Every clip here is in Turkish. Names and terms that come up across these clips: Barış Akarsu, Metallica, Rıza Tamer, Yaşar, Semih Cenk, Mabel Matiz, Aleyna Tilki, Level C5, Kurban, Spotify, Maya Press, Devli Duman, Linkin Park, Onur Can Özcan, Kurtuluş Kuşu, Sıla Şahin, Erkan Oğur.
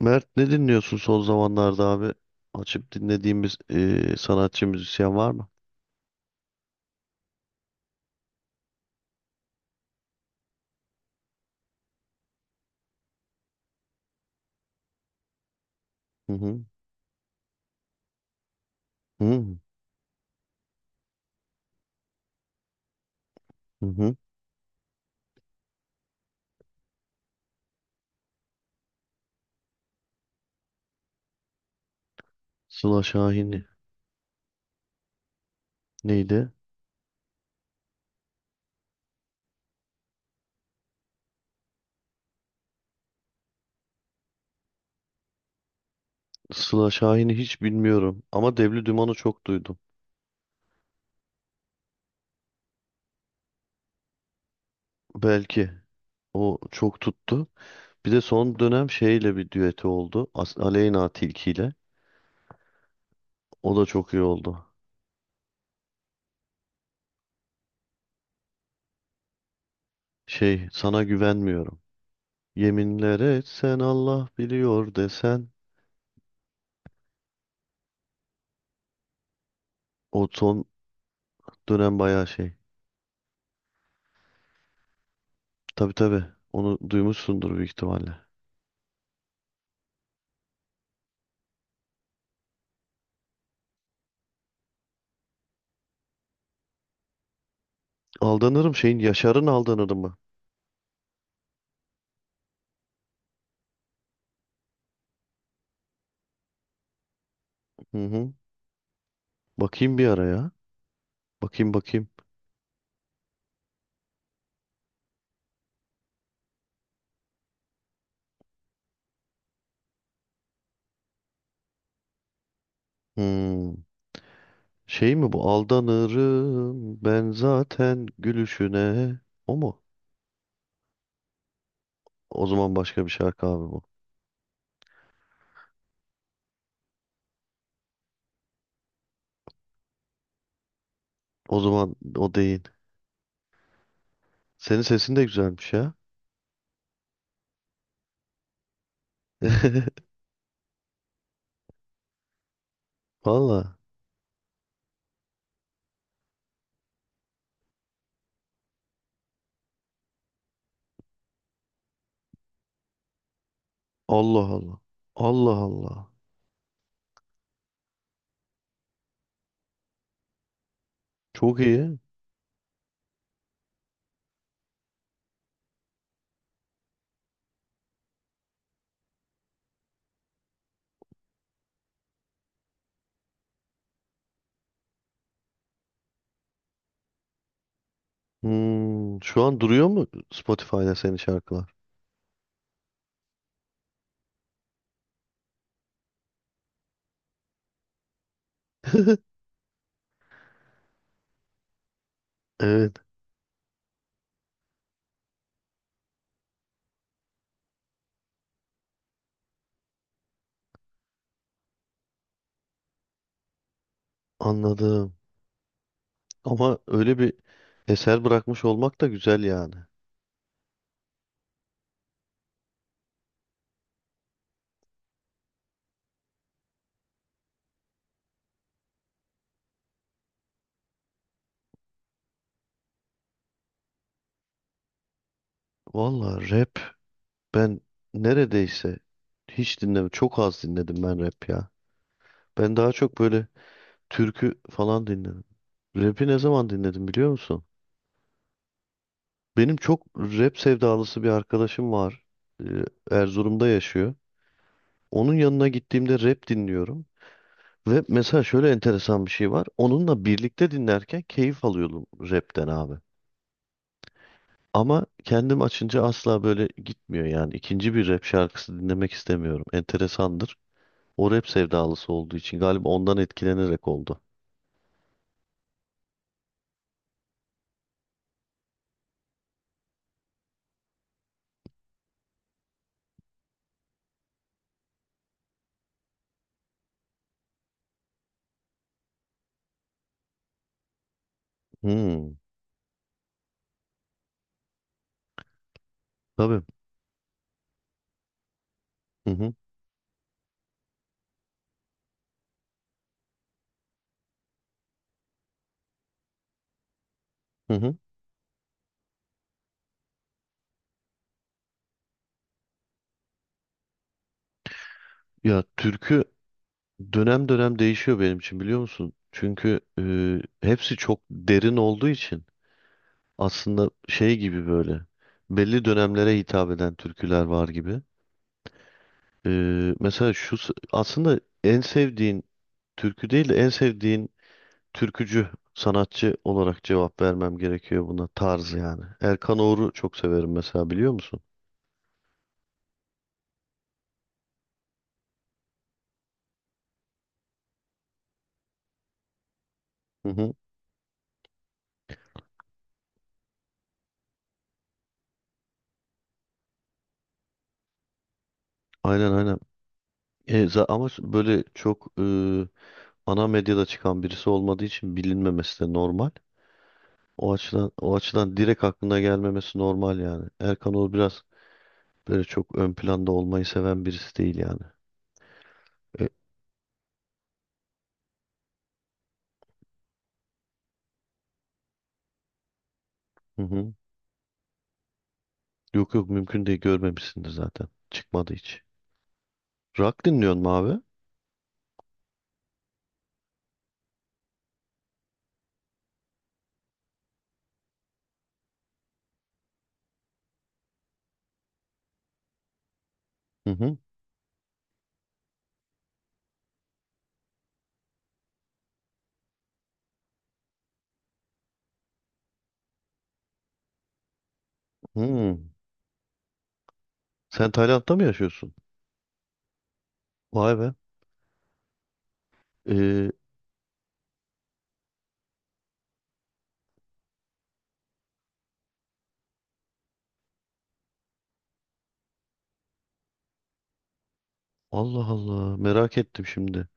Mert ne dinliyorsun son zamanlarda abi? Açıp dinlediğimiz sanatçı müzisyen var mı? Hı hı. Hı hı. Hı. Sıla Şahin'i. Neydi? Sıla Şahin'i hiç bilmiyorum ama Devli Duman'ı çok duydum. Belki o çok tuttu. Bir de son dönem şeyle bir düeti oldu. Aleyna Tilki ile. O da çok iyi oldu. Şey, sana güvenmiyorum. Yeminler etsen Allah biliyor desen. O son dönem bayağı şey. Tabii, tabii. Onu duymuşsundur büyük ihtimalle. Aldanırım şeyin, Yaşar'ın Aldanırım mı? Hı hı. Bakayım bir ara ya. Bakayım, bakayım. Hmm. Şey mi bu? Aldanırım ben zaten gülüşüne. O mu? O zaman başka bir şarkı abi bu. O zaman o değil. Senin sesin de güzelmiş ya. Valla. Allah Allah. Allah Allah. Çok iyi. Hmm. Şu an duruyor mu Spotify'da senin şarkılar? Evet, anladım. Ama öyle bir eser bırakmış olmak da güzel yani. Vallahi rap ben neredeyse hiç dinlemedim. Çok az dinledim ben rap ya. Ben daha çok böyle türkü falan dinledim. Rap'i ne zaman dinledim biliyor musun? Benim çok rap sevdalısı bir arkadaşım var. Ee, Erzurum'da yaşıyor. Onun yanına gittiğimde rap dinliyorum. Ve mesela şöyle enteresan bir şey var. Onunla birlikte dinlerken keyif alıyordum rapten abi. Ama kendim açınca asla böyle gitmiyor yani. İkinci bir rap şarkısı dinlemek istemiyorum. Enteresandır. O rap sevdalısı olduğu için galiba ondan etkilenerek oldu. Hmm, tabii. Hı hı, hı hı. Ya türkü dönem dönem değişiyor benim için biliyor musun? Çünkü hepsi çok derin olduğu için aslında şey gibi böyle belli dönemlere hitap eden türküler var gibi. E, mesela aslında en sevdiğin türkü değil de en sevdiğin türkücü, sanatçı olarak cevap vermem gerekiyor buna, tarz yani. Erkan Oğur'u çok severim mesela, biliyor musun? Hı hı. Aynen, aynen. E, ama böyle çok ana medyada çıkan birisi olmadığı için bilinmemesi de normal. O açıdan, o açıdan direkt aklına gelmemesi normal yani. Erkan Oğur biraz böyle çok ön planda olmayı seven birisi değil yani. E, hı hı. Yok yok, mümkün değil, görmemişsindir zaten. Çıkmadı hiç. Rock dinliyorsun mu abi? Hı hı. Hı. Sen Tayland'da mı yaşıyorsun? Vay be. Ee, Allah Allah, merak ettim şimdi.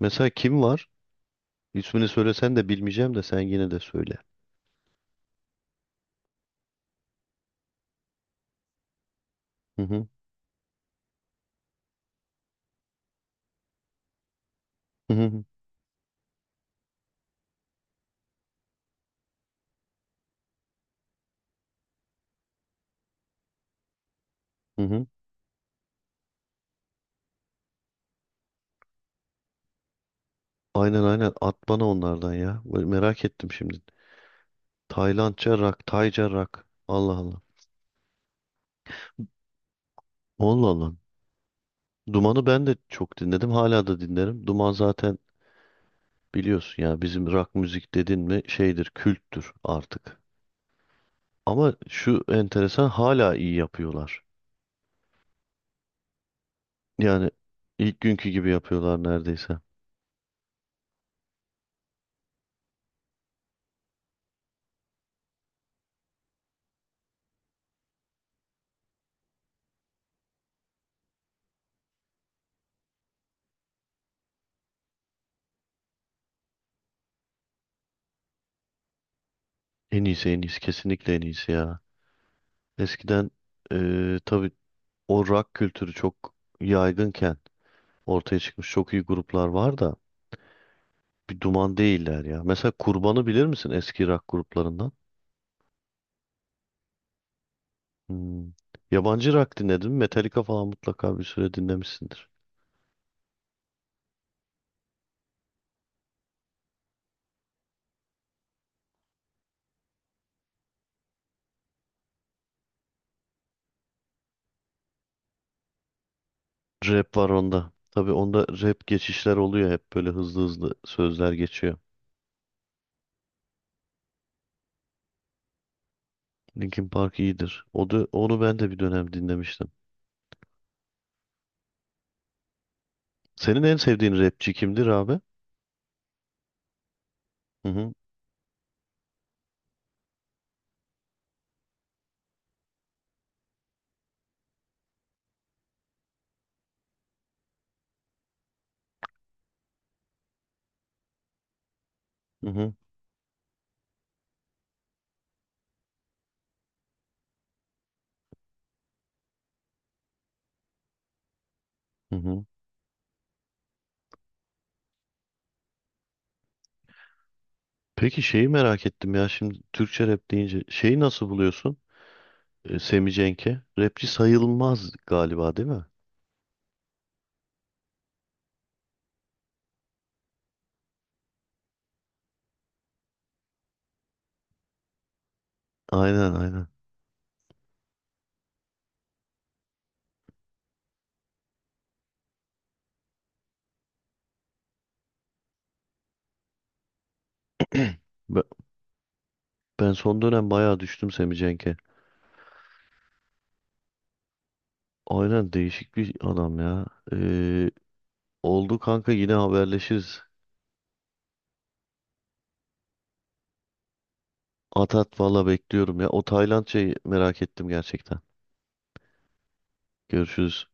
Mesela kim var? İsmini söylesen de bilmeyeceğim de sen yine de söyle. Hı hı. Hı hı. Hı hı. Aynen, aynen, at bana onlardan ya. Böyle merak ettim şimdi. Taylandca rock, Tayca rock. Allah Allah. Allah Allah. Duman'ı ben de çok dinledim. Hala da dinlerim. Duman zaten biliyorsun ya, bizim rock müzik dedin mi şeydir, külttür artık. Ama şu enteresan, hala iyi yapıyorlar. Yani ilk günkü gibi yapıyorlar neredeyse. En iyisi, en iyisi, kesinlikle en iyisi ya. Eskiden tabii o rock kültürü çok yaygınken ortaya çıkmış çok iyi gruplar var da bir Duman değiller ya. Mesela Kurban'ı bilir misin, eski rock gruplarından? Hmm. Yabancı rock dinledin mi? Metallica falan mutlaka bir süre dinlemişsindir. Rap var onda. Tabii onda rap geçişler oluyor, hep böyle hızlı hızlı sözler geçiyor. Linkin Park iyidir. O da, onu ben de bir dönem dinlemiştim. Senin en sevdiğin rapçi kimdir abi? Hı hı. Hı hı. Hı hı. Peki şeyi merak ettim ya, şimdi Türkçe rap deyince şeyi nasıl buluyorsun? E, Semih Cenk'e. Rapçi sayılmaz galiba değil mi? Aynen, aynen. Be- Ben son dönem bayağı düştüm Semih Cenk'e. Aynen, değişik bir adam ya. Ee, oldu kanka, yine haberleşiriz. At at valla, bekliyorum ya. O Tayland şeyi merak ettim gerçekten. Görüşürüz.